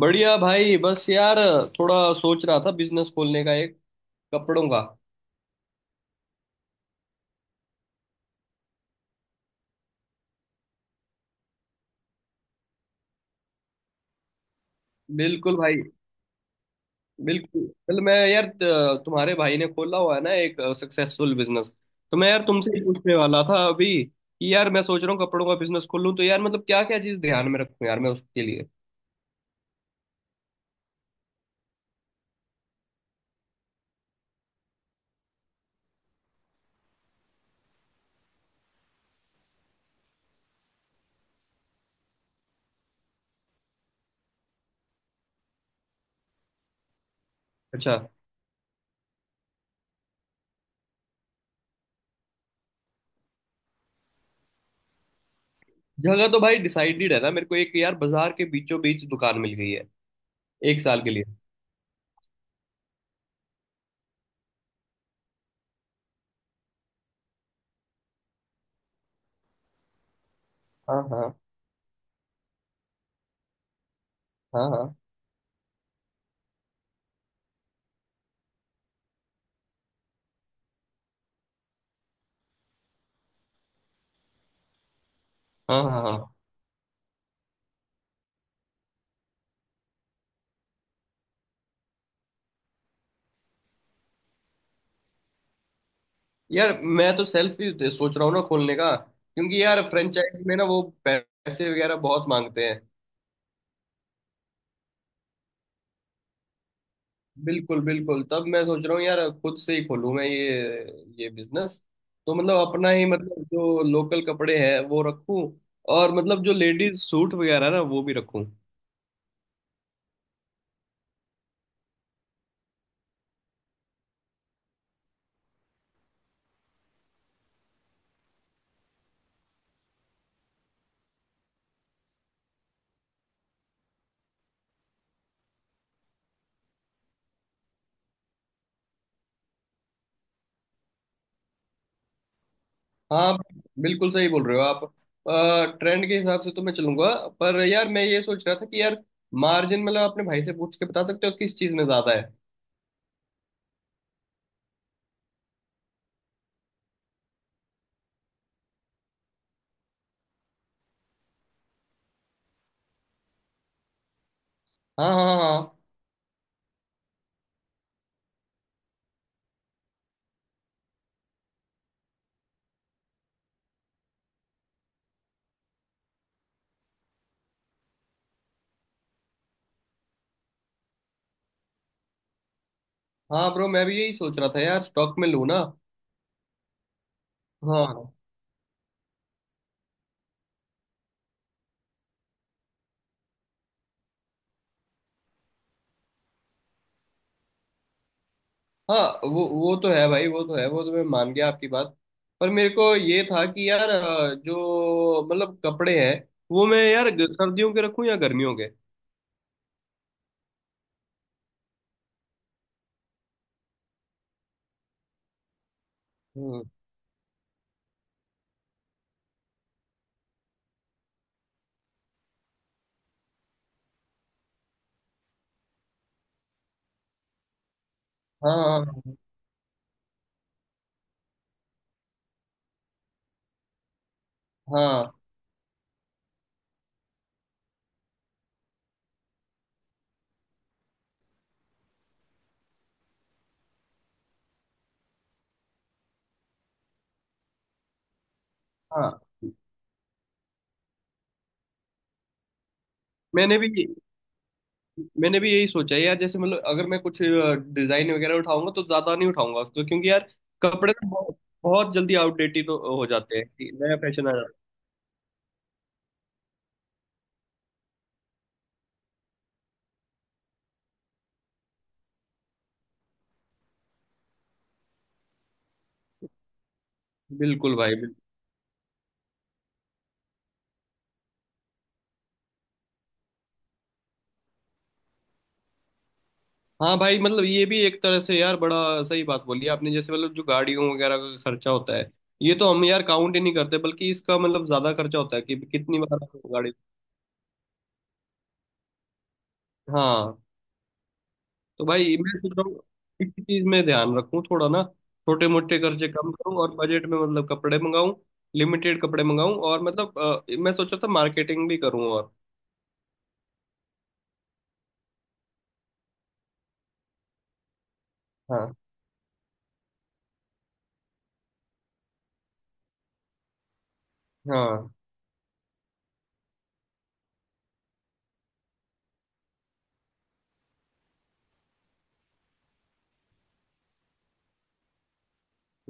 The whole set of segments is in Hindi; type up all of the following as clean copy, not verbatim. बढ़िया भाई, बस यार थोड़ा सोच रहा था बिजनेस खोलने का, एक कपड़ों का। बिल्कुल भाई। बिल्कुल, कल मैं यार तुम्हारे भाई ने खोला हुआ है ना एक सक्सेसफुल बिजनेस। तो मैं यार तुमसे ही पूछने वाला था अभी कि यार मैं सोच रहा हूँ कपड़ों का बिजनेस खोलूँ, तो यार मतलब क्या क्या चीज़ ध्यान में रखूँ यार मैं उसके लिए। अच्छा। जगह तो भाई डिसाइडेड है ना मेरे को, एक यार बाजार के बीचों बीच दुकान मिल गई है एक साल के लिए। हाँ, हाँ, हाँ, हाँ, हाँ, हाँ, हाँ। यार मैं तो सेल्फ ही सोच रहा हूँ ना खोलने का, क्योंकि यार फ्रेंचाइज में ना वो पैसे वगैरह बहुत मांगते हैं। बिल्कुल बिल्कुल, तब मैं सोच रहा हूँ यार खुद से ही खोलूँ मैं ये बिजनेस। तो मतलब अपना ही, मतलब जो लोकल कपड़े हैं वो रखूँ, और मतलब जो लेडीज सूट वगैरह ना वो भी रखूँ। हाँ, बिल्कुल सही बोल रहे हो आप, ट्रेंड के हिसाब से तो मैं चलूंगा। पर यार मैं ये सोच रहा था कि यार मार्जिन, मतलब अपने भाई से पूछ के बता सकते हो किस चीज़ में ज़्यादा है। हाँ, हाँ, हाँ। हाँ ब्रो, मैं भी यही सोच रहा था यार, स्टॉक में लूँ ना। हाँ। हाँ, वो तो है भाई, वो तो है, वो तो मैं मान गया आपकी बात। पर मेरे को ये था कि यार, जो मतलब कपड़े हैं वो मैं यार सर्दियों के रखूँ या गर्मियों के। हम्म। हाँ, हाँ, हाँ, मैंने भी मैंने भी यही सोचा है यार, जैसे मतलब अगर मैं कुछ डिजाइन वगैरह उठाऊंगा तो ज्यादा नहीं उठाऊंगा उसको, क्योंकि यार कपड़े तो बहुत, बहुत जल्दी आउटडेटेड हो जाते हैं, नया फैशन आ जाता है। बिल्कुल भाई। हाँ भाई, मतलब ये भी एक तरह से यार बड़ा सही बात बोली आपने, जैसे मतलब जो गाड़ियों वगैरह का खर्चा होता है ये तो हम यार काउंट ही नहीं करते, बल्कि इसका मतलब ज्यादा खर्चा होता है कि कितनी बार आपको गाड़ी। हाँ, तो भाई मैं सोच रहा हूँ इसी चीज में ध्यान रखूँ थोड़ा ना, छोटे मोटे खर्चे कम करूँ और बजट में मतलब कपड़े मंगाऊँ, लिमिटेड कपड़े मंगाऊँ। और मतलब मैं सोचा था मार्केटिंग भी करूँ और। हाँ, हाँ।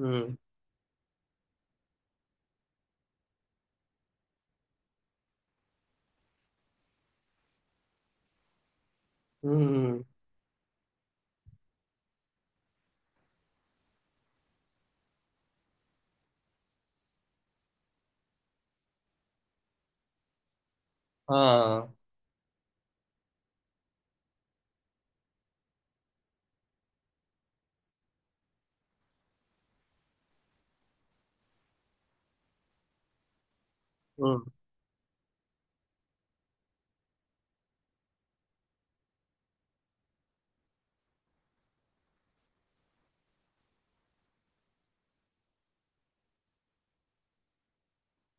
हम्म, हम्म, हाँ। हम्म।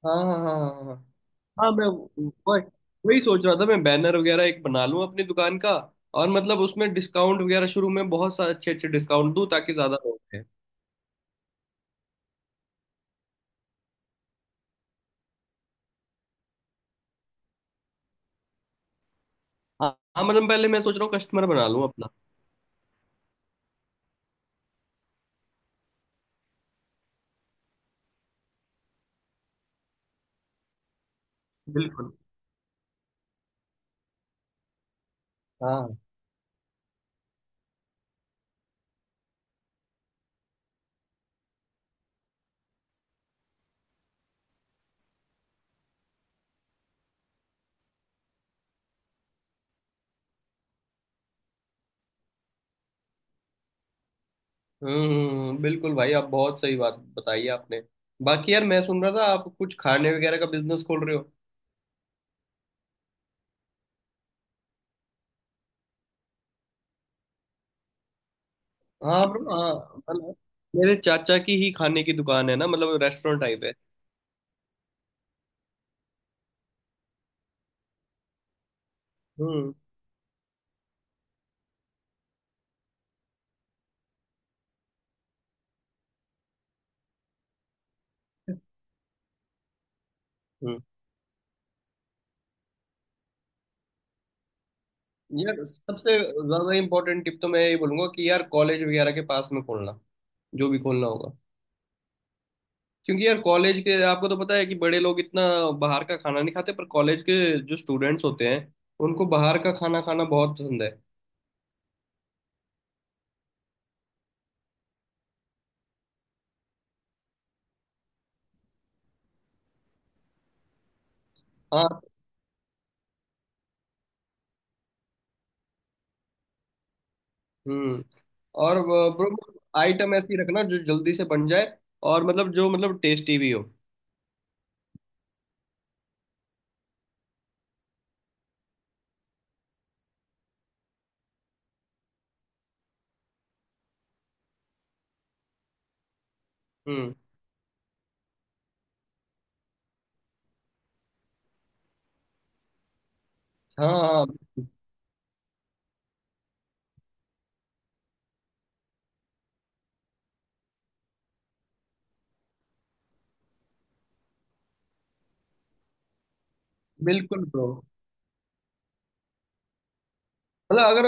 हाँ, हाँ, हाँ, हाँ, हाँ। हाँ मैं वही वही सोच रहा था, मैं बैनर वगैरह एक बना लूं अपनी दुकान का, और मतलब उसमें डिस्काउंट वगैरह शुरू में बहुत सारे अच्छे अच्छे डिस्काउंट दूं ताकि ज्यादा लोग आएं। हाँ, हाँ, मतलब पहले मैं सोच रहा हूँ कस्टमर बना लूं अपना। बिल्कुल। हाँ। हम्म, बिल्कुल भाई, आप बहुत सही बात बताई आपने। बाकी यार मैं सुन रहा था आप कुछ खाने वगैरह का बिजनेस खोल रहे हो। हाँ bro, हाँ मतलब मेरे चाचा की ही खाने की दुकान है ना, मतलब रेस्टोरेंट टाइप है। हम्म। हम्म। यार सबसे ज्यादा इम्पोर्टेंट टिप तो मैं यही बोलूंगा कि यार कॉलेज वगैरह के पास में खोलना, जो भी खोलना होगा। क्योंकि यार कॉलेज के आपको तो पता है कि बड़े लोग इतना बाहर का खाना नहीं खाते, पर कॉलेज के जो स्टूडेंट्स होते हैं उनको बाहर का खाना खाना बहुत पसंद है। हाँ। हम्म। और ब्रो, आइटम ऐसी रखना जो जल्दी से बन जाए, और मतलब जो मतलब टेस्टी भी हो। हम्म। हाँ, हाँ। बिल्कुल ब्रो, मतलब अगर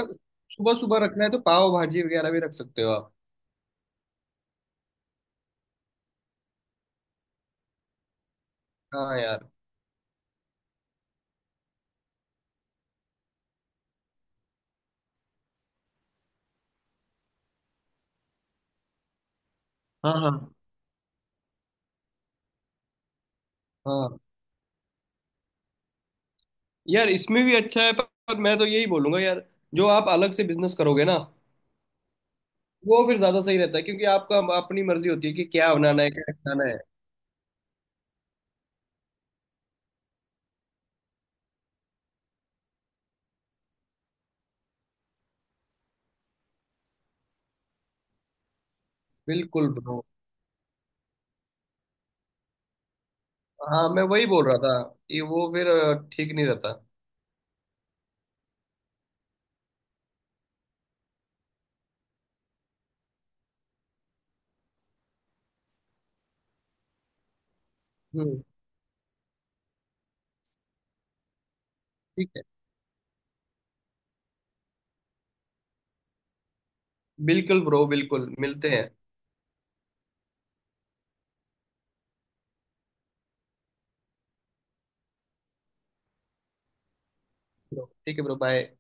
सुबह सुबह रखना है तो पाव भाजी वगैरह भी रख सकते हो आप। हाँ यार। हाँ, हाँ, हाँ। यार इसमें भी अच्छा है, पर मैं तो यही बोलूंगा यार, जो आप अलग से बिजनेस करोगे ना वो फिर ज्यादा सही रहता है, क्योंकि आपका अपनी मर्जी होती है कि क्या बनाना है क्या खाना है। बिल्कुल ब्रो। हाँ मैं वही बोल रहा था कि वो फिर ठीक नहीं रहता। हम्म। ठीक है। बिल्कुल ब्रो, बिल्कुल, मिलते हैं। ठीक है ब्रो, बाय।